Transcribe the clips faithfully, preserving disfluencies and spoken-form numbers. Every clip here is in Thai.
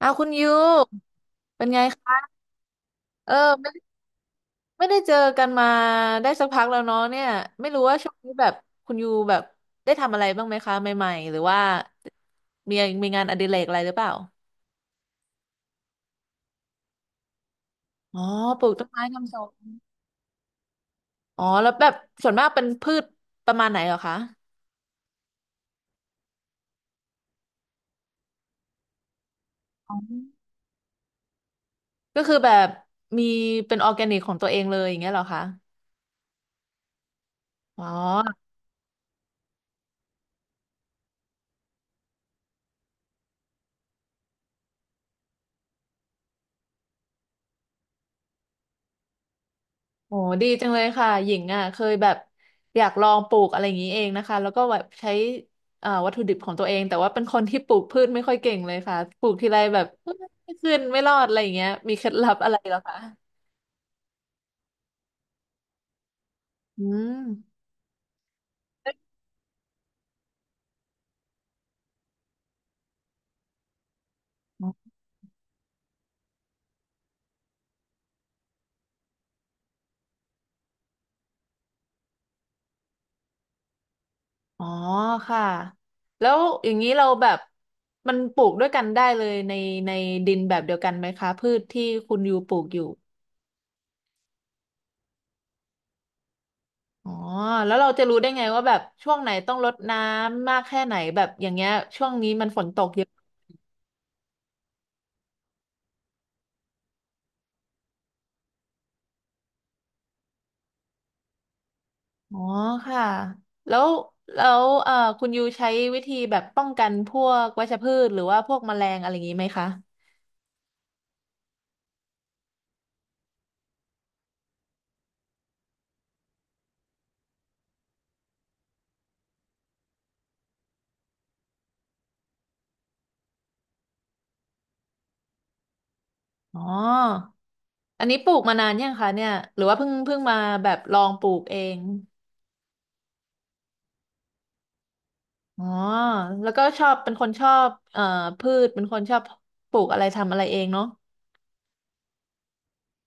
อ้าวคุณยูเป็นไงคะเออไม่ไม่ได้เจอกันมาได้สักพักแล้วเนาะเนี่ยไม่รู้ว่าช่วงนี้แบบคุณยูแบบได้ทำอะไรบ้างไหมคะใหม่ๆหรือว่ามีมีงานอดิเรกอะไรหรือเปล่าอ๋อปลูกต้นไม้ทำสวนอ๋อแล้วแบบส่วนมากเป็นพืชประมาณไหนเหรอคะอ๋อก็คือแบบมีเป็นออร์แกนิกของตัวเองเลยอย่างเงี้ยเหรอคะอ๋อ โอ้ดีจังเลยค่ะหญิงอ่ะเคยแบบอยากลองปลูกอะไรอย่างนี้เองนะคะแล้วก็แบบใช้เอ่อวัตถุดิบของตัวเองแต่ว่าเป็นคนที่ปลูกพืชไม่ค่อยเก่งเลยค่ะปลูกทีไรแบบไม่ขึ้นไม่รอดอะไรอย่างเงี้ยมีเคล็ดลับอะไรเหรอคะอืมอ๋อค่ะแล้วอย่างนี้เราแบบมันปลูกด้วยกันได้เลยในในดินแบบเดียวกันไหมคะพืชที่คุณยูปลูกอยู่อ๋อแล้วเราจะรู้ได้ไงว่าแบบช่วงไหนต้องรดน้ำมากแค่ไหนแบบอย่างเงี้ยช่วงนี้มันฝนตกเยอะ อ๋อค่ะแล้วแล้วเอ่อคุณยูใช้วิธีแบบป้องกันพวกวัชพืชหรือว่าพวกแมลงอะไรอย่างนี้ไหมคะอ๋ออันนี้ปลูกมานานยังคะเนี่ยหรือว่าเพิ่งเพิ่งมาแบบลองปลูกเองอ๋อแล้วก็ชอบเป็นคนชอบเอ่อพืชเป็นคนชอบปลูกอะไรทำอะไรเองเนาะ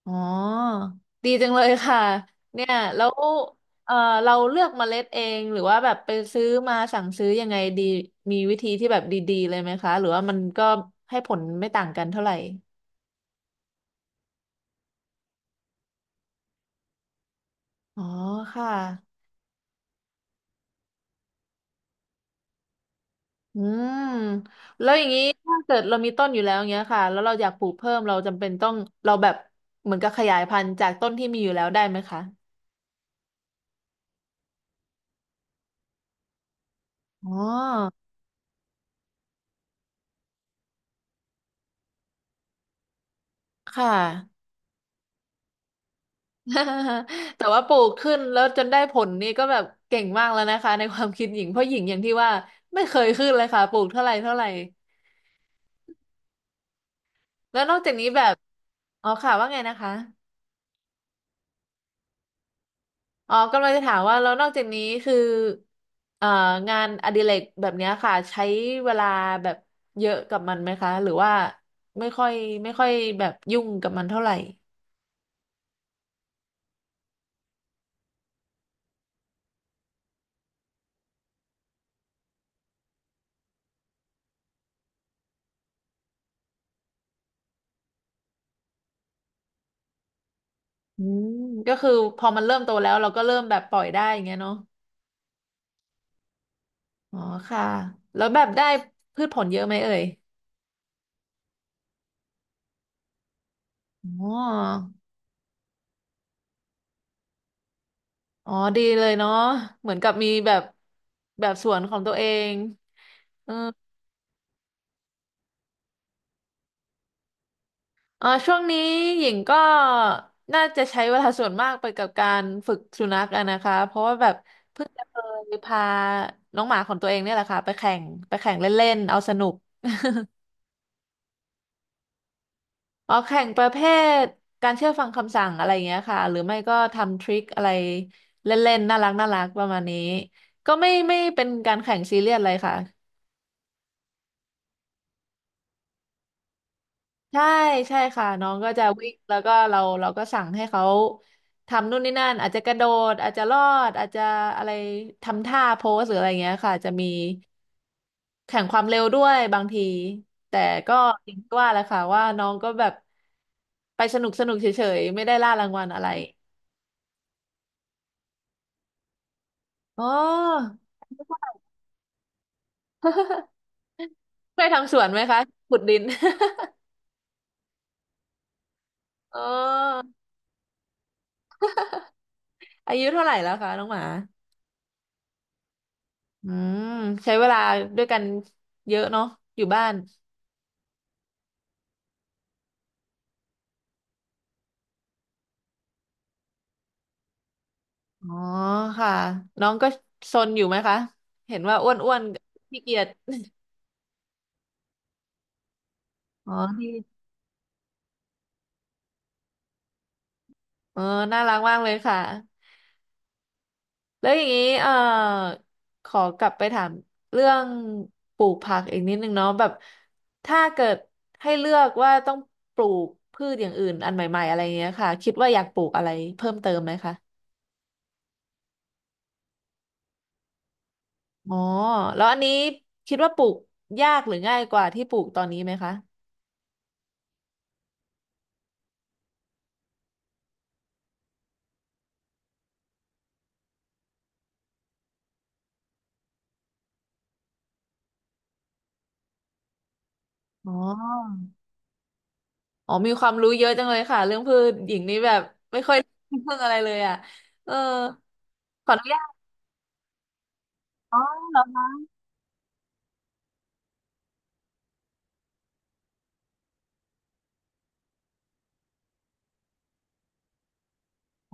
อ๋อ ดีจังเลยค่ะ เนี่ยแล้วเอ่อเราเลือกเมล็ดเอง หรือว่าแบบไปซื้อมาสั่งซื้อยังไงดี มีวิธีที่แบบดีๆเลยไหมคะ หรือว่ามันก็ให้ผลไม่ต่างกันเท่าไหร่อ๋อค่ะ อืม แล้วอย่างนี้ถ้าเกิดเรามีต้นอยู่แล้วเงี้ยค่ะ แล้วเราอยากปลูกเพิ่มเราจำเป็นต้องเราแบบเหมือนกับขยายพันธุ์จากต้นที่มีอยู่แล้วได้ไหมคะอ๋อค่ะ แต่ว่าปลูกขึ้นแล้วจนได้ผลนี่ก็แบบเก่งมากแล้วนะคะในความคิดหญิงเพราะหญิงอย่างที่ว่าไม่เคยขึ้นเลยค่ะปลูกเท่าไหร่เท่าไหร่แล้วนอกจากนี้แบบอ๋อค่ะว่าไงนะคะอ๋อกำลังจะถามว่าแล้วนอกจากนี้คือเอ่องานอดิเรกแบบเนี้ยค่ะใช้เวลาแบบเยอะกับมันไหมคะหรือว่าไม่ค่อยไม่ค่อยแบบยุ่งกับมันเท่าไหร่อืมก็คือพอมันเริ่มโตแล้วเราก็เริ่มแบบปล่อยได้อย่างเงี้ยเนาะ อ๋อค่ะแล้วแบบได้พืชผลเยอะไหมเอ่ยอ๋ออ๋อดีเลยเนาะเหมือนกับมีแบบแบบสวนของตัวเองเออเออช่วงนี้หญิงก็น่าจะใช้เวลาส่วนมากไปกับการฝึกสุนัขอะนะคะเพราะว่าแบบเพิ่งจะเคยพาน้องหมาของตัวเองเนี่ยแหละค่ะไปแข่งไปแข่งเล่นๆเอาสนุก อ๋อแข่งประเภทการเชื่อฟังคำสั่งอะไรเงี้ยค่ะหรือไม่ก็ทำทริคอะไรเล่นๆน่ารักน่ารักประมาณนี้ก็ไม่ไม่เป็นการแข่งซีเรียสเลยค่ะใช่ใช่ค่ะน้องก็จะวิ่งแล้วก็เราเราก็สั่งให้เขาทำนู่นนี่นั่นอาจจะกระโดดอาจจะลอดอาจจะอะไรทำท่าโพสหรืออะไรเงี้ยค่ะจะมีแข่งความเร็วด้วยบางทีแต่ก็อย่างที่ว่าแหละค่ะว่าน้องก็แบบไปสนุกสนุกเฉยๆไม่ได้ล่ารางวัลอะไรอ๋อ เคยทำสวนไหมคะขุดดิน อ๋ออายุเท่าไหร่แล้วคะน้องหมาอืมใช้เวลาด้วยกันเยอะเนาะอยู่บ้าน อ๋อค่ะน้องก็ซนอยู่ไหมคะเห็นว่าอ้วนอ้วนขี้เกียจ อ๋อที่อ๋อน่ารักมากเลยค่ะ แล้วอย่างนี้เอ่อขอกลับไปถามเรื่องปลูกผักอีกนิดนึงเนาะแบบถ้าเกิดให้เลือกว่าต้องปลูกพืชอย่างอื่นอันใหม่ๆอะไรเงี้ยค่ะคิดว่าอยากปลูกอะไรเพิ่มเติมไหมคะอ๋อแล้วอันนี้คิดว่าปลูกยากหรือง่ายกว่าที่ปลูกตอนนี้ไหมคะอ๋ออ๋อมีความรู้เยอะจังเลยค่ะเรื่องพืชหญิงนี่แบบไม่ค่อยรู้เรื่องอะไรเลยอ่ะเออขออนุญาตอ๋อเหรอคะ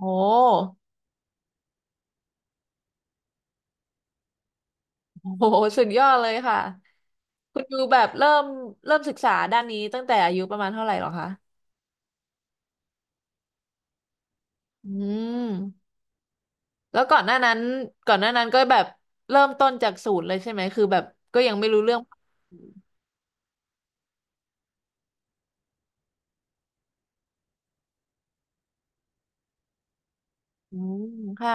โอ้โหสุดยอดเลยค่ะ คุณยูแบบเริ่มเริ่มศึกษาด้านนี้ตั้งแต่อายุประมาณเท่าไหร่หรอคะ อืม แล้วก่อนหน้านั้นก่อนหน้านั้นก็แบบเริ่มต้นจากศูนย์เลยใช่ไหม คือแบบก็ยังไม่รู้เรื่อง อืม ค่ะ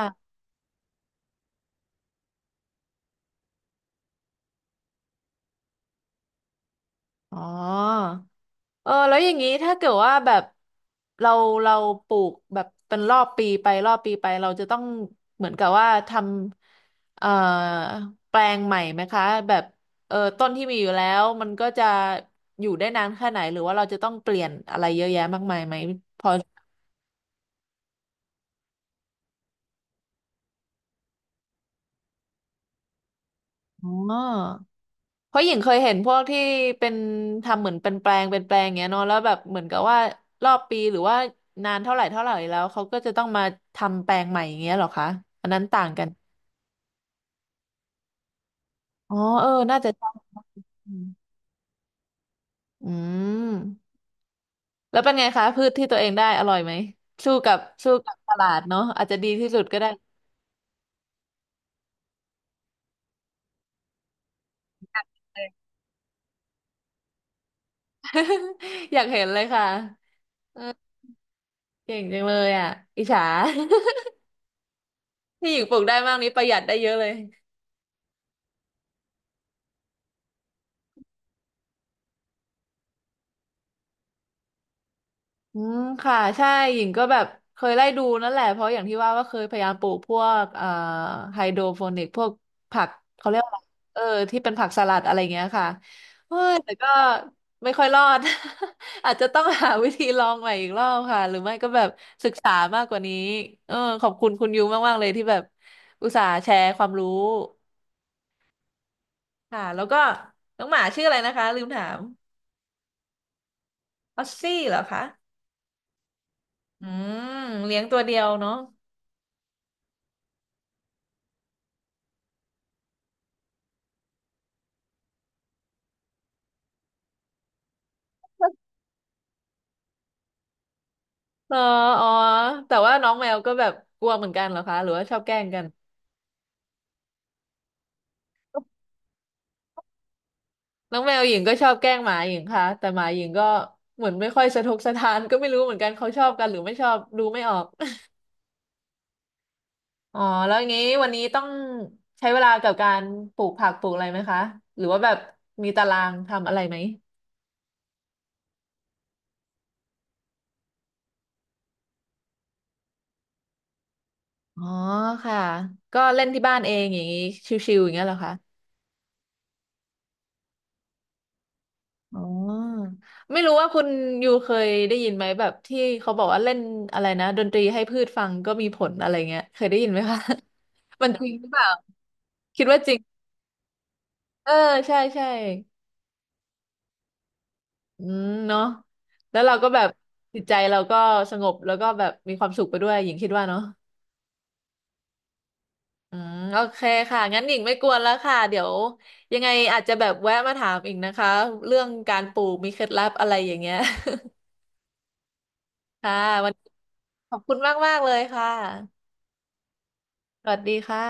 อ๋อ เออแล้วอย่างนี้ถ้าเกิดว่าแบบเราเราปลูกแบบเป็นรอบปีไปรอบปีไปเราจะต้องเหมือนกับว่าทำเอ่อแปลงใหม่ไหมคะแบบเออต้นที่มีอยู่แล้วมันก็จะอยู่ได้นานแค่ไหนหรือว่าเราจะต้องเปลี่ยนอะไรเยอะแยะมากมายไหมพออ๋อเพราะหญิงเคยเห็นพวกที่เป็นทำเหมือนเป็นแปลงเป็นแปลงอย่างเงี้ยเนาะแล้วแบบเหมือนกับว่ารอบปีหรือว่านานเท่าไหร่เท่าไหร่แล้วเขาก็จะต้องมาทำแปลงใหม่อย่างเงี้ยเหรอคะอันนั้นต่างกัน อ๋อเออน่าจะใช่อืมอืมแล้วเป็นไงคะพืชที่ตัวเองได้อร่อยไหมสู้กับสู้กับตลาดเนาะอาจจะดีที่สุดก็ได้ อยากเห็นเลยค่ะเออเก่งจังเลยอ่ะอิจฉา ที่หญิงปลูกได้มากนี้ประหยัดได้เยอะเลย อืมค่ะใช่หญิงก็แบบเคยไล่ดูนั่นแหละเพราะอย่างที่ว่าว่าเคยพยายามปลูกพวกเอ่อไฮโดรโปนิกพวกผักเขาเรียกว่าอะไรเออที่เป็นผักสลัดอะไรเงี้ยค่ะเฮ้ยแต่ก็ไม่ค่อยรอด อาจจะต้องหาวิธีลองใหม่อีกรอบค่ะหรือไม่ก็แบบศึกษามากกว่านี้เออขอบคุณคุณยูมากๆเลยที่แบบอุตส่าห์แชร์ความรู้ค่ะแล้วก็น้องหมาชื่ออะไรนะคะลืมถามออสซี่เหรอคะอืมเลี้ยงตัวเดียวเนาะ อ๋ออ๋อแต่ว่าน้องแมวก็แบบกลัวเหมือนกันเหรอคะหรือว่าชอบแกล้งกันน้องแมวหญิงก็ชอบแกล้งหมาหญิงค่ะแต่หมาหญิงก็เหมือนไม่ค่อยสะทกสะท้านก็ไม่รู้เหมือนกันเขาชอบกันหรือไม่ชอบดูไม่ออก อ๋อแล้วงี้วันนี้ต้องใช้เวลากับการปลูกผักปลูกอะไรไหมคะหรือว่าแบบมีตารางทำอะไรไหมอ๋อค่ะก็เล่นที่บ้านเองอย่างนี้ชิวๆอย่างเงี้ยเหรอคะ อ๋อไม่รู้ว่าคุณยูเคยได้ยินไหมแบบที่เขาบอกว่าเล่นอะไรนะดนตรีให้พืชฟังก็มีผลอะไรเงี้ยเคยได้ยินไหมคะ มันจริงหรือเปล่าคิดว่าจริงเออใช่ใช่อืมเนาะแล้วเราก็แบบจิตใจเราก็สงบแล้วก็แบบมีความสุขไปด้วยหญิงคิดว่าเนาะอืมโอเคค่ะงั้นหญิงไม่กวนแล้วค่ะเดี๋ยวยังไงอาจจะแบบแวะมาถามอีกนะคะเรื่องการปลูกมีเคล็ดลับอะไรอย่างเงี้ย ค่ะวันนี้ขอบคุณมากๆเลยค่ะ สวัสดีค่ะ